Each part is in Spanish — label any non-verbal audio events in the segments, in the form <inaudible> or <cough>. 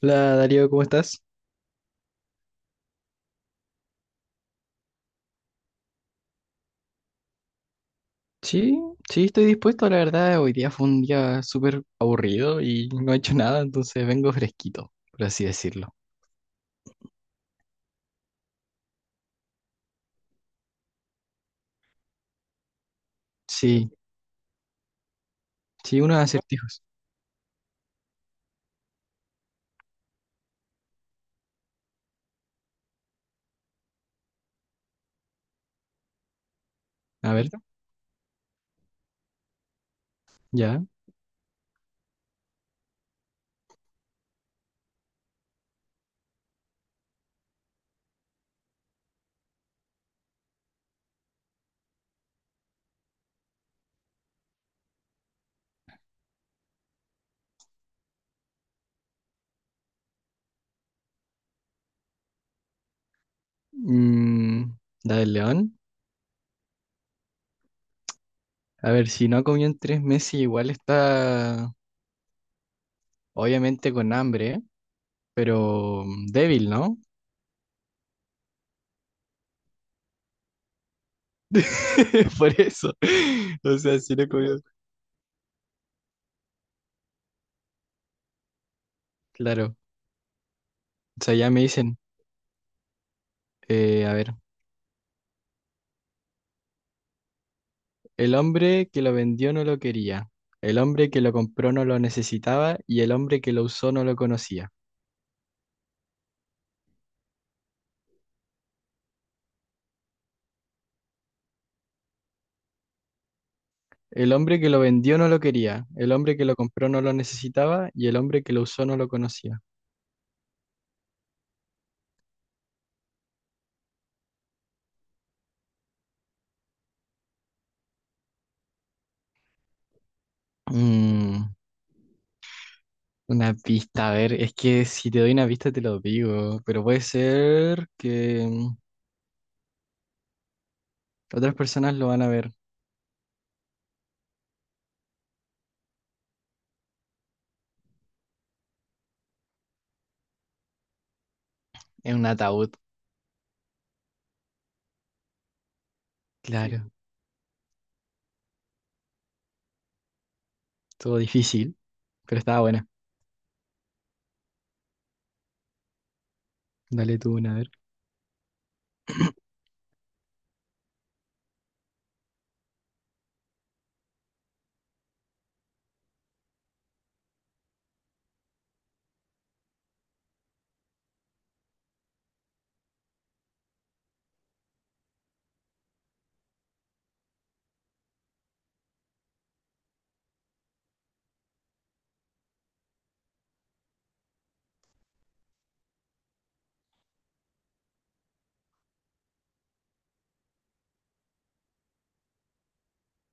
Hola Darío, ¿cómo estás? Sí, sí, estoy dispuesto, la verdad. Hoy día fue un día súper aburrido y no he hecho nada, entonces vengo fresquito, por así decirlo. Sí, sí, unos acertijos. A ver, ya. Mm, la del león. A ver, si no ha comido en 3 meses, igual está obviamente con hambre, ¿eh? Pero débil, ¿no? <laughs> Por eso. <laughs> O sea, si no he comido. Claro. O sea, ya me dicen, a ver. El hombre que lo vendió no lo quería, el hombre que lo compró no lo necesitaba y el hombre que lo usó no lo conocía. El hombre que lo vendió no lo quería, el hombre que lo compró no lo necesitaba y el hombre que lo usó no lo conocía. Mm, una pista, a ver, es que si te doy una pista te lo digo, pero puede ser que otras personas lo van a ver en un ataúd. Claro, todo difícil, pero estaba buena. Dale tú una, a ver.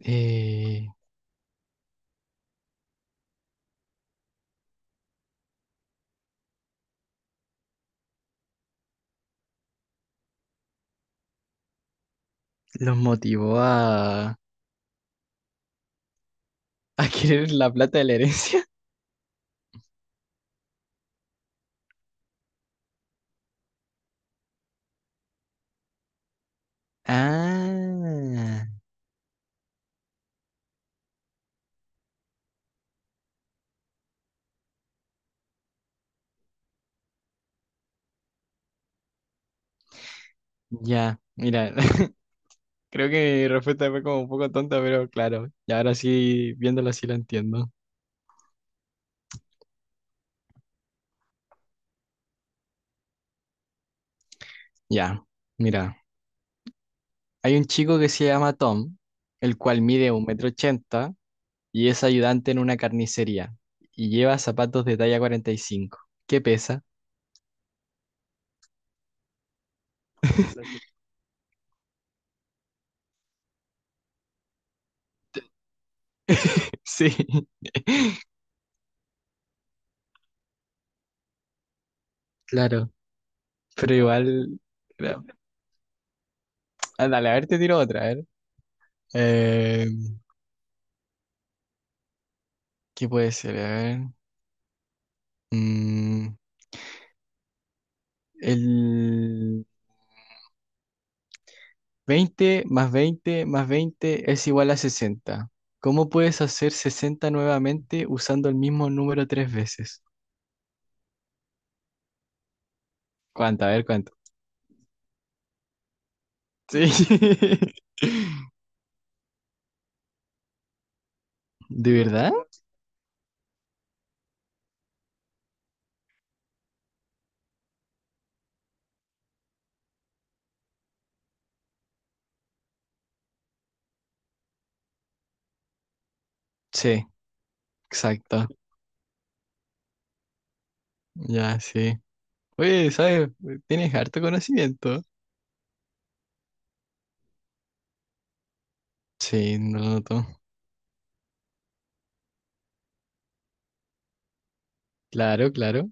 Eh, los motivó a <laughs> querer la plata de la herencia. Ah, ya, mira, <laughs> creo que mi respuesta fue como un poco tonta, pero claro, y ahora sí, viéndolo así lo entiendo. Ya, mira, hay un chico que se llama Tom, el cual mide 1,80 m y es ayudante en una carnicería y lleva zapatos de talla 45. ¿Qué pesa? <laughs> Sí, claro, pero igual... era- Ah, dale, a ver, te tiro otra, a ver. Eh, ¿Qué puede ser? A ver. Mm, el... 20 más 20 más 20 es igual a 60. ¿Cómo puedes hacer 60 nuevamente usando el mismo número tres veces? ¿Cuánto? A ver, ¿cuánto? Sí. <laughs> ¿De verdad? Sí, exacto. Ya, sí. Oye, ¿sabes? Tienes harto conocimiento. Sí, no lo noto. Claro, claro.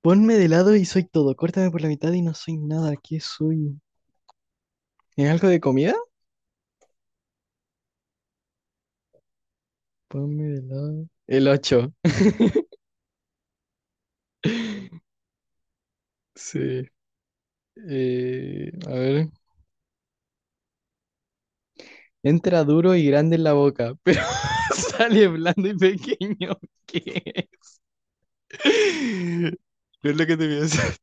Ponme de lado y soy todo. Córtame por la mitad y no soy nada. ¿Qué soy? ¿Es algo de comida? Ponme de lado. El 8. <laughs> Sí. A ver. Entra duro y grande en la boca, pero <laughs> sale blando y pequeño. ¿Qué? No es lo que te piensas.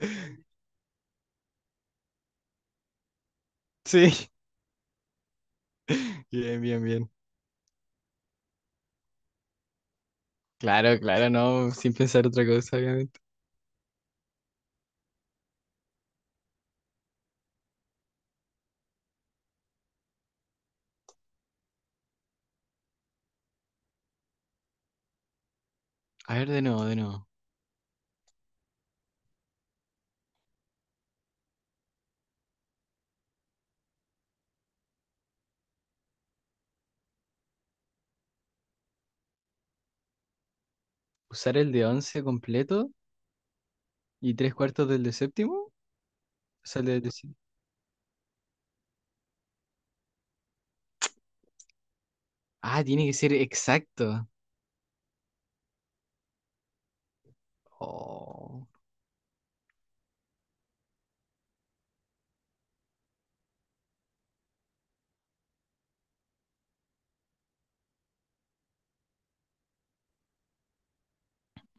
<laughs> Sí. Bien, bien, bien. Claro, claro, no, sin pensar otra cosa, obviamente. A ver, de nuevo, de nuevo. Usar el de 11 completo y tres cuartos del de séptimo. O sea, el de sí- Ah, tiene que ser exacto. Oh.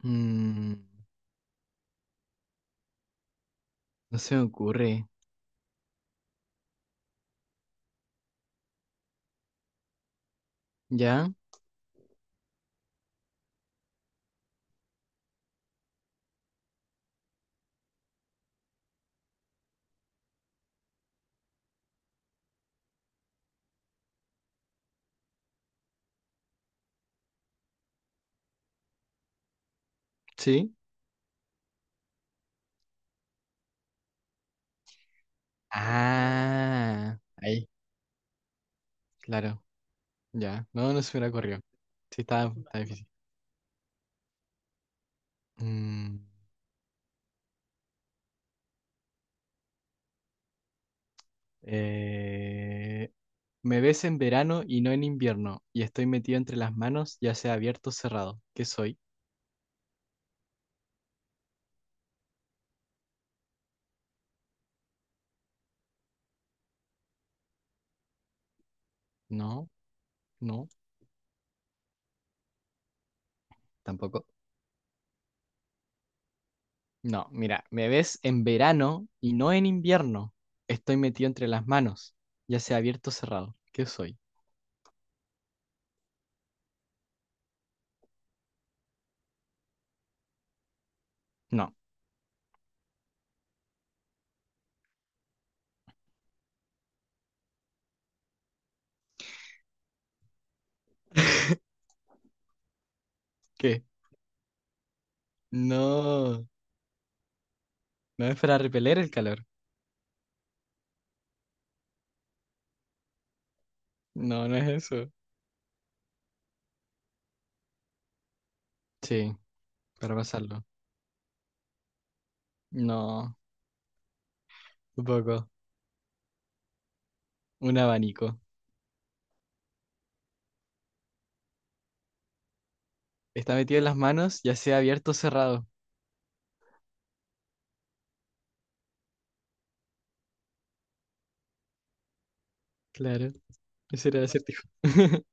Mm, no se me ocurre. ¿Ya? ¿Sí? Ah, ahí, claro. Ya, no, no se me hubiera. Sí, está difícil. Mm, eh, Me ves en verano y no en invierno, y estoy metido entre las manos, ya sea abierto o cerrado. ¿Qué soy? No, no, tampoco. No, mira, me ves en verano y no en invierno. Estoy metido entre las manos, ya sea abierto o cerrado. ¿Qué soy? No. <laughs> ¿Qué? No, no es para repeler el calor. No, no es eso. Sí, para pasarlo. No, tampoco. Un abanico. Está metido en las manos, ya sea abierto o cerrado. Claro, ese era el acertijo. <laughs>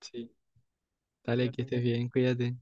Sí, dale, que estés bien, cuídate.